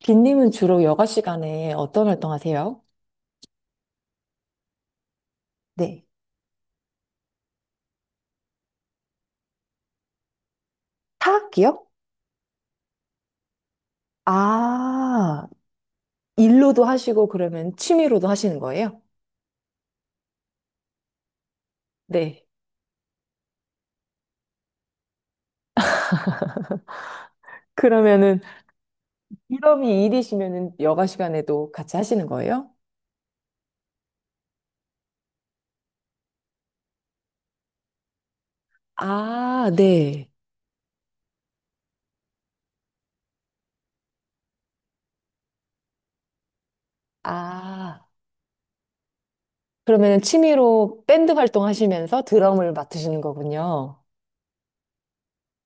빈님은 주로 여가 시간에 어떤 활동하세요? 네. 타악기요? 아, 일로도 하시고 그러면 취미로도 하시는 거예요? 네. 그러면은 일업이 일이시면은 여가 시간에도 같이 하시는 거예요? 아, 네. 아, 그러면은 취미로 밴드 활동하시면서 드럼을 맡으시는 거군요.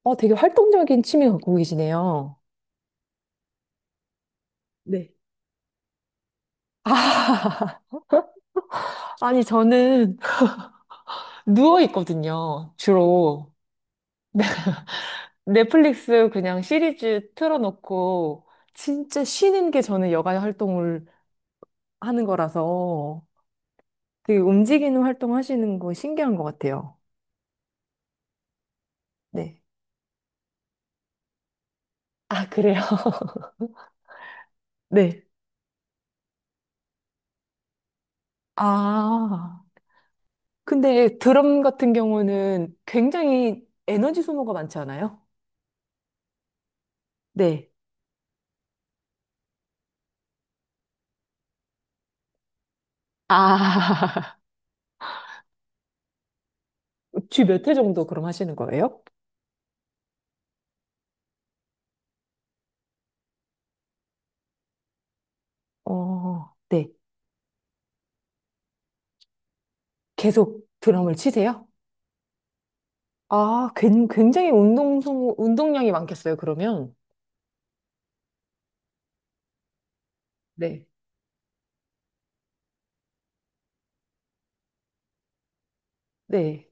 어, 되게 활동적인 취미 갖고 계시네요. 네. 아, 아니 저는 누워 있거든요, 주로. 넷플릭스 그냥 시리즈 틀어놓고 진짜 쉬는 게 저는 여가 활동을 하는 거라서 되게 움직이는 활동 하시는 거 신기한 것 같아요. 네. 아, 그래요? 네. 아, 근데 드럼 같은 경우는 굉장히 에너지 소모가 많지 않아요? 네. 아, 주 몇 회 정도 그럼 하시는 거예요? 어, 네. 계속 드럼을 치세요? 아, 굉장히 운동 소모, 운동량이 많겠어요, 그러면? 네. 네.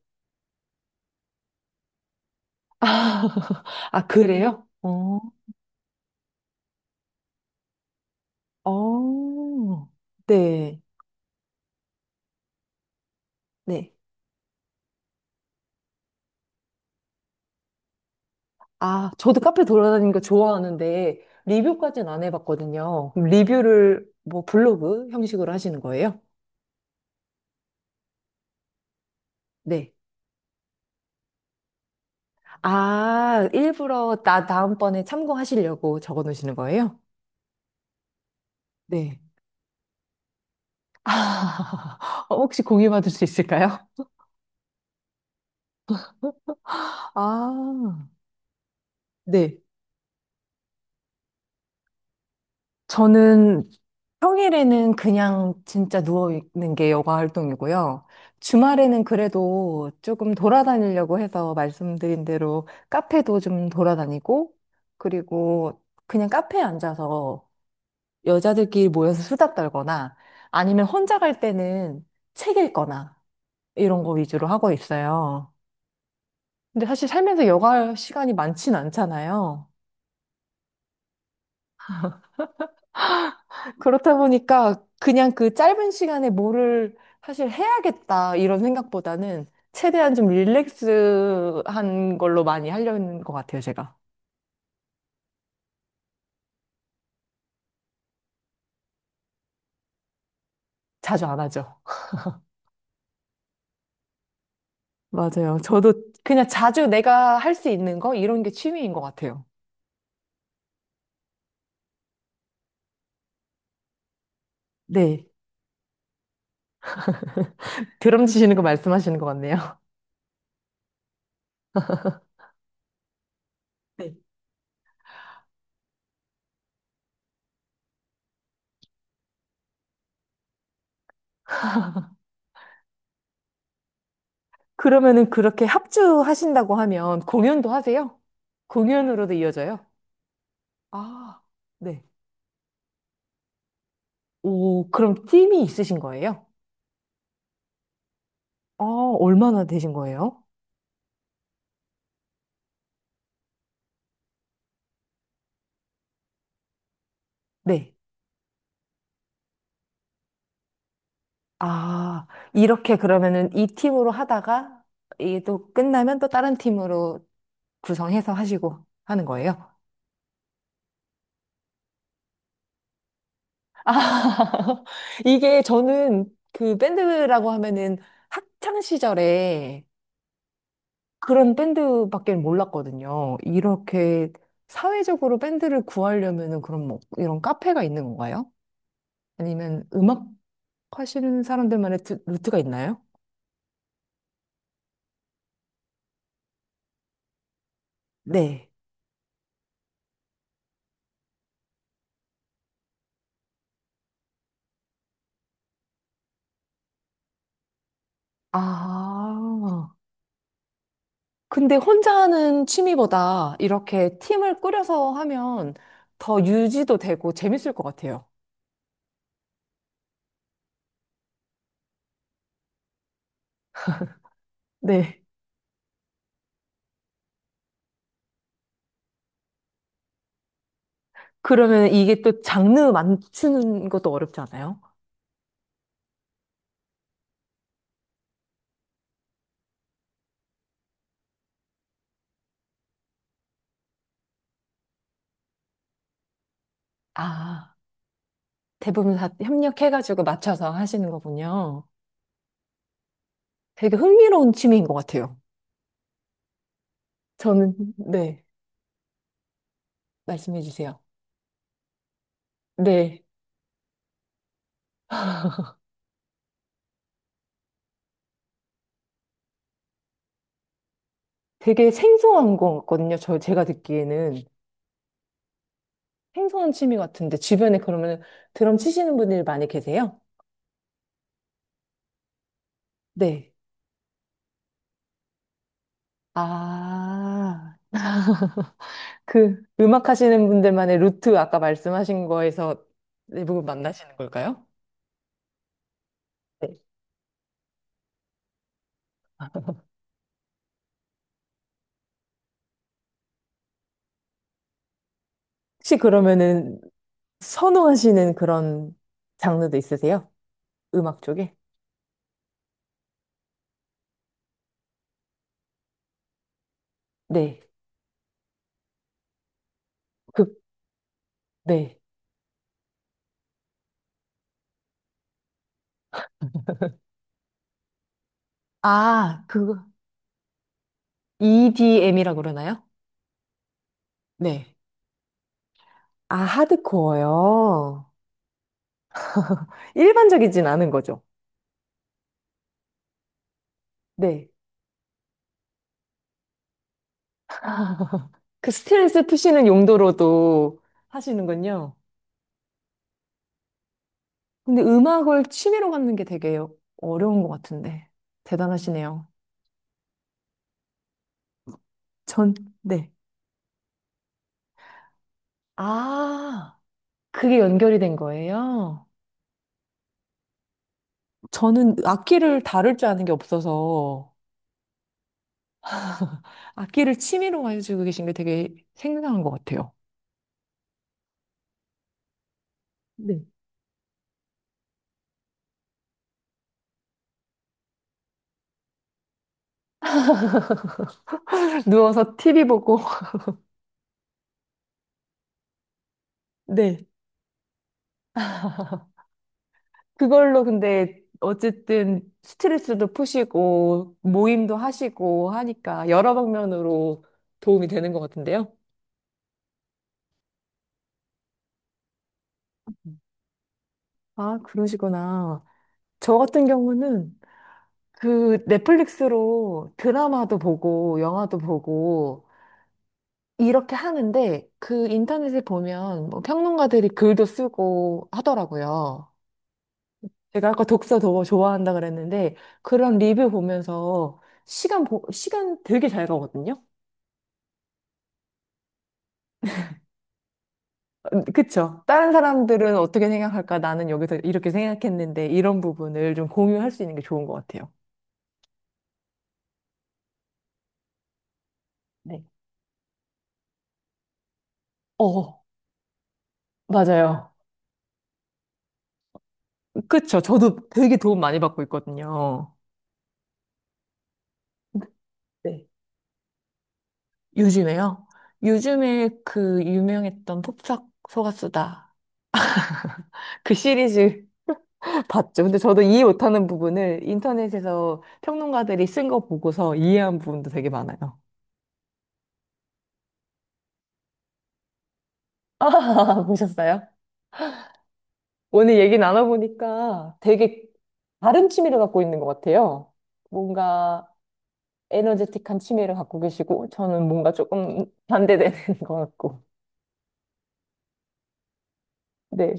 아, 아, 그래요? 어, 어, 네, 네. 아, 저도 카페 돌아다니는 거 좋아하는데, 리뷰까지는 안 해봤거든요. 그럼 리뷰를 뭐 블로그 형식으로 하시는 거예요? 네. 아, 일부러 나 다음번에 참고하시려고 적어 놓으시는 거예요? 네. 아, 혹시 공유 받을 수 있을까요? 아, 네. 저는 평일에는 그냥 진짜 누워있는 게 여가 활동이고요. 주말에는 그래도 조금 돌아다니려고 해서 말씀드린 대로 카페도 좀 돌아다니고, 그리고 그냥 카페에 앉아서 여자들끼리 모여서 수다 떨거나 아니면 혼자 갈 때는 책 읽거나 이런 거 위주로 하고 있어요. 근데 사실 살면서 여가 시간이 많진 않잖아요. 그렇다 보니까 그냥 그 짧은 시간에 뭐를 사실 해야겠다 이런 생각보다는 최대한 좀 릴렉스한 걸로 많이 하려는 것 같아요, 제가. 자주 안 하죠. 맞아요. 저도 그냥 자주 내가 할 수 있는 거 이런 게 취미인 것 같아요. 네. 드럼 치시는 거 말씀하시는 것 같네요. 네. 그러면은 그렇게 합주하신다고 하면 공연도 하세요? 공연으로도 이어져요? 아, 네. 오, 그럼 팀이 있으신 거예요? 아, 얼마나 되신 거예요? 네. 아, 이렇게 그러면은 이 팀으로 하다가 이게 또 끝나면 또 다른 팀으로 구성해서 하시고 하는 거예요? 아, 이게 저는 그 밴드라고 하면은 학창 시절에 그런 밴드밖에 몰랐거든요. 이렇게 사회적으로 밴드를 구하려면은 그럼 뭐 이런 카페가 있는 건가요? 아니면 음악 하시는 사람들만의 루트가 있나요? 네. 아. 근데 혼자 하는 취미보다 이렇게 팀을 꾸려서 하면 더 유지도 되고 재밌을 것 같아요. 네. 그러면 이게 또 장르 맞추는 것도 어렵지 않아요? 아, 대부분 다 협력해가지고 맞춰서 하시는 거군요. 되게 흥미로운 취미인 것 같아요. 저는, 네, 말씀해 주세요. 네. 되게 생소한 것 같거든요. 저, 제가 듣기에는. 생소한 취미 같은데, 주변에 그러면 드럼 치시는 분들 많이 계세요? 네. 아. 그 음악 하시는 분들만의 루트 아까 말씀하신 거에서 대부분 만나시는 걸까요? 네. 혹시 그러면은 선호하시는 그런 장르도 있으세요? 음악 쪽에? 네. 그, 네. 아, 그거. EDM이라고 그러나요? 네. 아, 하드코어요. 일반적이진 않은 거죠. 네. 그 스트레스 푸시는 용도로도 하시는군요. 근데 음악을 취미로 갖는 게 되게 어려운 것 같은데. 대단하시네요. 전, 네. 아, 그게 연결이 된 거예요? 저는 악기를 다룰 줄 아는 게 없어서 악기를 취미로 가지고 계신 게 되게 생생한 것 같아요. 네. 누워서 TV 보고, 네. 그걸로 근데 어쨌든 스트레스도 푸시고, 모임도 하시고 하니까 여러 방면으로 도움이 되는 것 같은데요? 아, 그러시구나. 저 같은 경우는 그 넷플릭스로 드라마도 보고, 영화도 보고, 이렇게 하는데 그 인터넷에 보면 뭐 평론가들이 글도 쓰고 하더라고요. 제가 아까 독서 더 좋아한다 그랬는데 그런 리뷰 보면서 시간 되게 잘 가거든요. 그쵸? 다른 사람들은 어떻게 생각할까? 나는 여기서 이렇게 생각했는데 이런 부분을 좀 공유할 수 있는 게 좋은 것 같아요. 네. 어, 맞아요. 그쵸? 저도 되게 도움 많이 받고 있거든요. 네. 요즘에요? 요즘에 그 유명했던 폭삭 속았수다. 그 시리즈 봤죠. 근데 저도 이해 못하는 부분을 인터넷에서 평론가들이 쓴 거 보고서 이해한 부분도 되게 많아요. 아, 보셨어요? 오늘 얘기 나눠보니까 되게 다른 취미를 갖고 있는 것 같아요. 뭔가 에너제틱한 취미를 갖고 계시고, 저는 뭔가 조금 반대되는 것 같고. 네.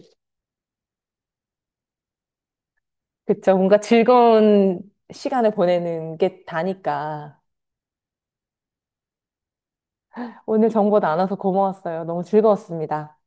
그쵸. 뭔가 즐거운 시간을 보내는 게 다니까. 오늘 정보 나눠서 고마웠어요. 너무 즐거웠습니다.